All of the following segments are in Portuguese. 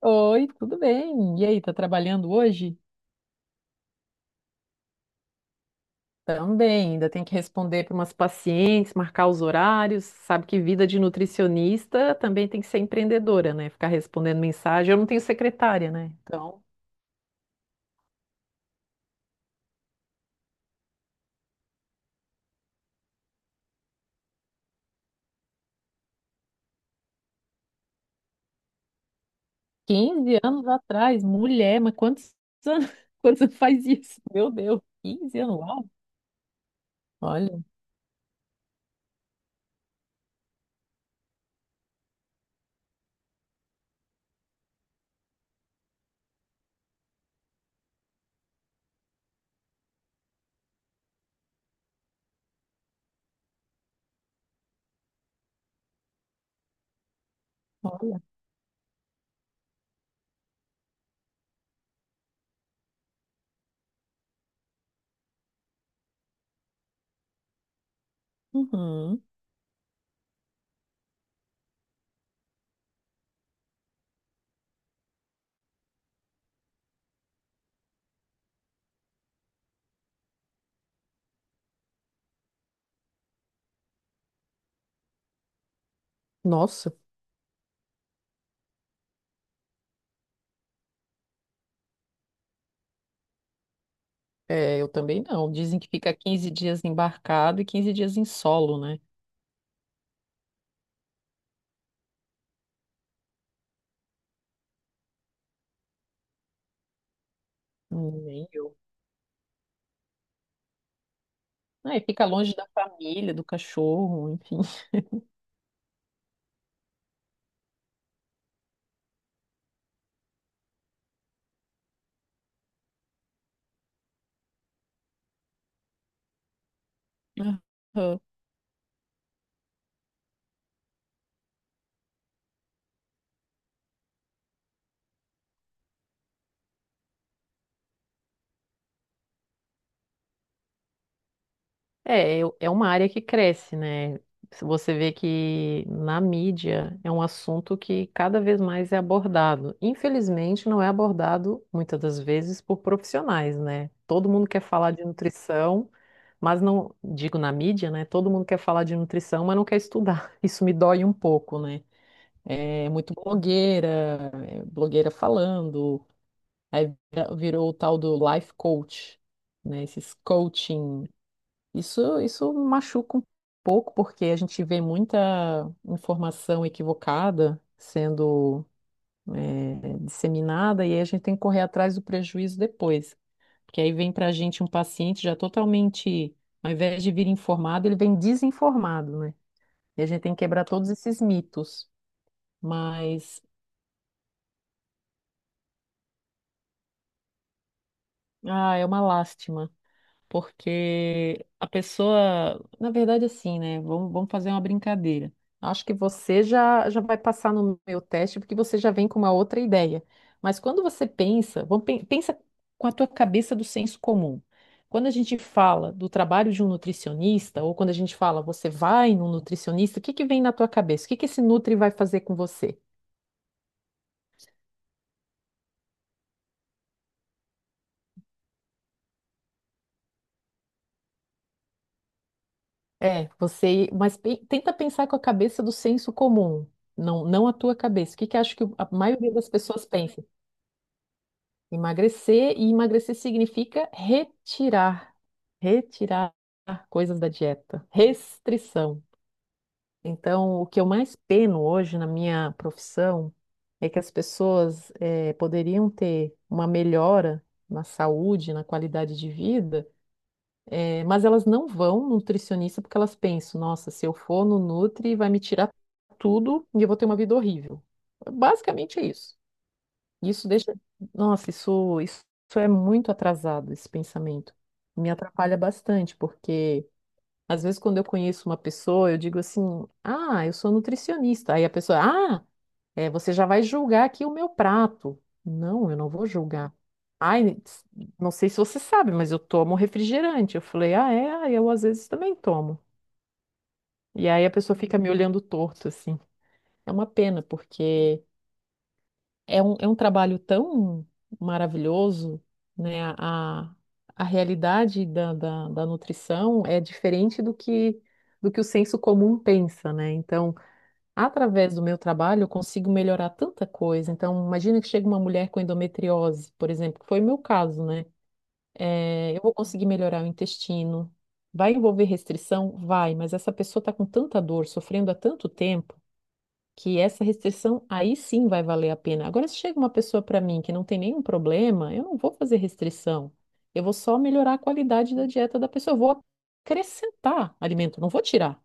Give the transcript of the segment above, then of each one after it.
Oi, tudo bem? E aí, tá trabalhando hoje? Também, ainda tem que responder para umas pacientes, marcar os horários. Sabe que vida de nutricionista também tem que ser empreendedora, né? Ficar respondendo mensagem. Eu não tenho secretária, né? Então, 15 anos atrás, mulher, mas quantos anos, quantos anos faz isso? Meu Deus, 15 anos, uau! Olha, olha. Uhum. Nossa, é, eu também não. Dizem que fica 15 dias embarcado e 15 dias em solo, né? Nem. Ah, e fica longe da família, do cachorro, enfim. Aham. É, é uma área que cresce, né? Se você vê que na mídia é um assunto que cada vez mais é abordado. Infelizmente, não é abordado muitas das vezes por profissionais, né? Todo mundo quer falar de nutrição, mas não, digo na mídia, né? Todo mundo quer falar de nutrição, mas não quer estudar. Isso me dói um pouco, né? É muito blogueira, é blogueira falando. Aí virou o tal do life coach, né? Esses coaching. Isso machuca um pouco, porque a gente vê muita informação equivocada sendo, disseminada, e aí a gente tem que correr atrás do prejuízo depois. Porque aí vem para a gente um paciente já totalmente, ao invés de vir informado, ele vem desinformado, né? E a gente tem que quebrar todos esses mitos. Mas, ah, é uma lástima. Porque a pessoa, na verdade, assim, né? Vamos fazer uma brincadeira. Acho que você já vai passar no meu teste, porque você já vem com uma outra ideia. Mas quando você pensa, vamos, pensa com a tua cabeça do senso comum. Quando a gente fala do trabalho de um nutricionista, ou quando a gente fala você vai num nutricionista, o que que vem na tua cabeça? O que que esse nutri vai fazer com você? É, você, mas tenta pensar com a cabeça do senso comum, não a tua cabeça. O que que acho que a maioria das pessoas pensa? Emagrecer, e emagrecer significa retirar, retirar coisas da dieta, restrição. Então, o que eu mais peno hoje na minha profissão é que as pessoas poderiam ter uma melhora na saúde, na qualidade de vida. É, mas elas não vão no nutricionista porque elas pensam, nossa, se eu for no nutri, vai me tirar tudo e eu vou ter uma vida horrível. Basicamente é isso. Isso deixa. Nossa, isso é muito atrasado, esse pensamento. Me atrapalha bastante, porque às vezes quando eu conheço uma pessoa, eu digo assim, ah, eu sou nutricionista. Aí a pessoa, ah, é, você já vai julgar aqui o meu prato. Não, eu não vou julgar. Ai, não sei se você sabe, mas eu tomo refrigerante. Eu falei, ah, é, ah, eu às vezes também tomo. E aí a pessoa fica me olhando torto, assim. É uma pena, porque é um trabalho tão maravilhoso, né? A realidade da, da, da nutrição é diferente do que o senso comum pensa, né? Então, através do meu trabalho, eu consigo melhorar tanta coisa. Então, imagina que chega uma mulher com endometriose, por exemplo, que foi o meu caso, né? É, eu vou conseguir melhorar o intestino. Vai envolver restrição? Vai, mas essa pessoa está com tanta dor, sofrendo há tanto tempo, que essa restrição aí sim vai valer a pena. Agora, se chega uma pessoa para mim que não tem nenhum problema, eu não vou fazer restrição. Eu vou só melhorar a qualidade da dieta da pessoa. Eu vou acrescentar alimento, não vou tirar.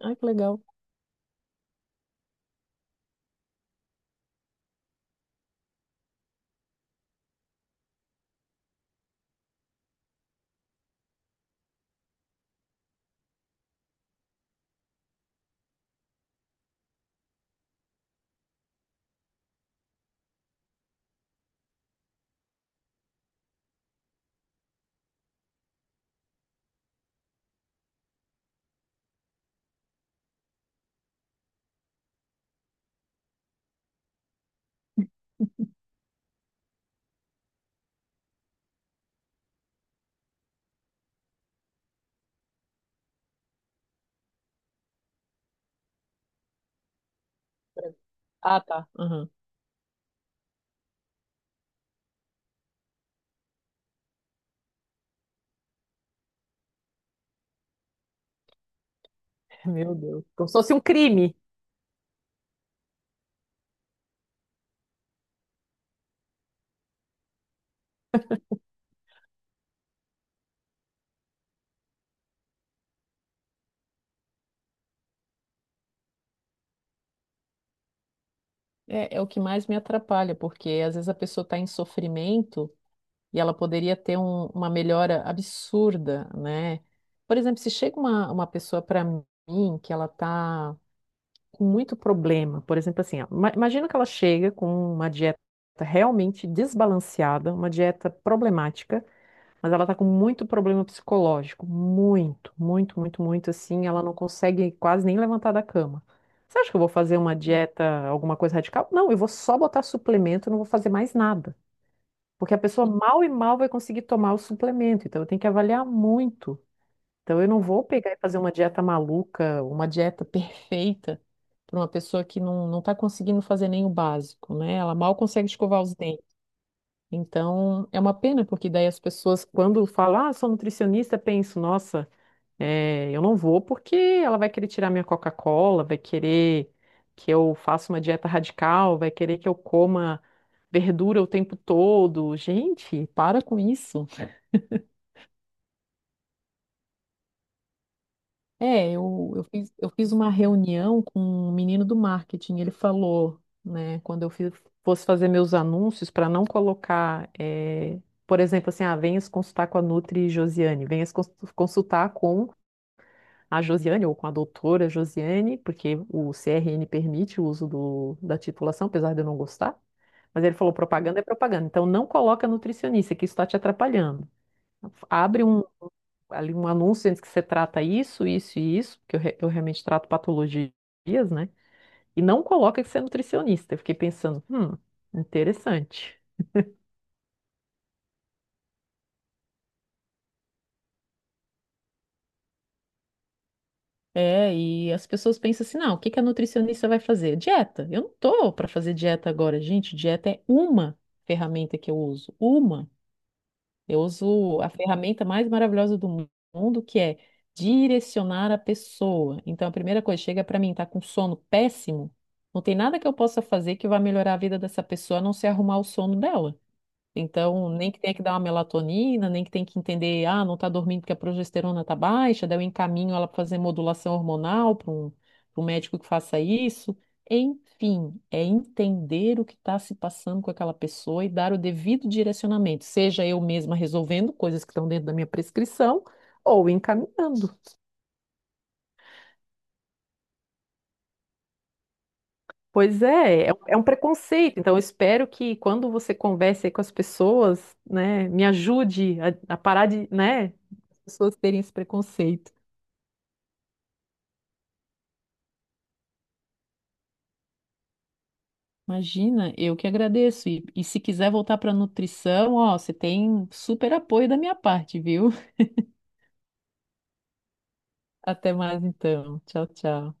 Ai, que legal. Ah, tá. Aham. Meu Deus. Como se fosse um crime. É, é o que mais me atrapalha, porque às vezes a pessoa está em sofrimento e ela poderia ter uma melhora absurda, né? Por exemplo, se chega uma pessoa para mim que ela está com muito problema, por exemplo, assim, ó, imagina que ela chega com uma dieta realmente desbalanceada, uma dieta problemática, mas ela tá com muito problema psicológico, muito, muito, muito, muito assim, ela não consegue quase nem levantar da cama. Você acha que eu vou fazer uma dieta, alguma coisa radical? Não, eu vou só botar suplemento, eu não vou fazer mais nada. Porque a pessoa mal e mal vai conseguir tomar o suplemento, então eu tenho que avaliar muito. Então eu não vou pegar e fazer uma dieta maluca, uma dieta perfeita para uma pessoa que não está conseguindo fazer nem o básico, né? Ela mal consegue escovar os dentes. Então, é uma pena, porque daí as pessoas, quando falam, ah, sou nutricionista, penso, nossa, eu não vou porque ela vai querer tirar minha Coca-Cola, vai querer que eu faça uma dieta radical, vai querer que eu coma verdura o tempo todo. Gente, para com isso. É, eu fiz uma reunião com um menino do marketing. Ele falou, né, quando fosse fazer meus anúncios, para não colocar, por exemplo, assim, ah, venha se consultar com a Nutri Josiane, venha se consultar com a Josiane ou com a doutora Josiane, porque o CRN permite o uso do, da titulação, apesar de eu não gostar. Mas ele falou: propaganda é propaganda, então não coloca nutricionista, que isso está te atrapalhando. Abre um ali um anúncio antes que você trata isso, isso e isso, porque eu, eu realmente trato patologias, né? E não coloca que você é nutricionista. Eu fiquei pensando, interessante. É, e as pessoas pensam assim, não, o que que a nutricionista vai fazer? Dieta. Eu não tô para fazer dieta agora, gente. Dieta é uma ferramenta que eu uso, uma. Eu uso a ferramenta mais maravilhosa do mundo, que é direcionar a pessoa. Então, a primeira coisa, chega para mim, tá com sono péssimo, não tem nada que eu possa fazer que vá melhorar a vida dessa pessoa, a não ser arrumar o sono dela. Então, nem que tenha que dar uma melatonina, nem que tenha que entender, ah, não está dormindo porque a progesterona está baixa, daí eu encaminho ela para fazer modulação hormonal para um, pra um médico que faça isso. Enfim, é entender o que está se passando com aquela pessoa e dar o devido direcionamento, seja eu mesma resolvendo coisas que estão dentro da minha prescrição ou encaminhando. Pois é, é um preconceito. Então, eu espero que quando você converse aí com as pessoas, né, me ajude a parar de, né, as pessoas terem esse preconceito. Imagina, eu que agradeço. E se quiser voltar para nutrição, ó, você tem super apoio da minha parte, viu? Até mais então. Tchau, tchau.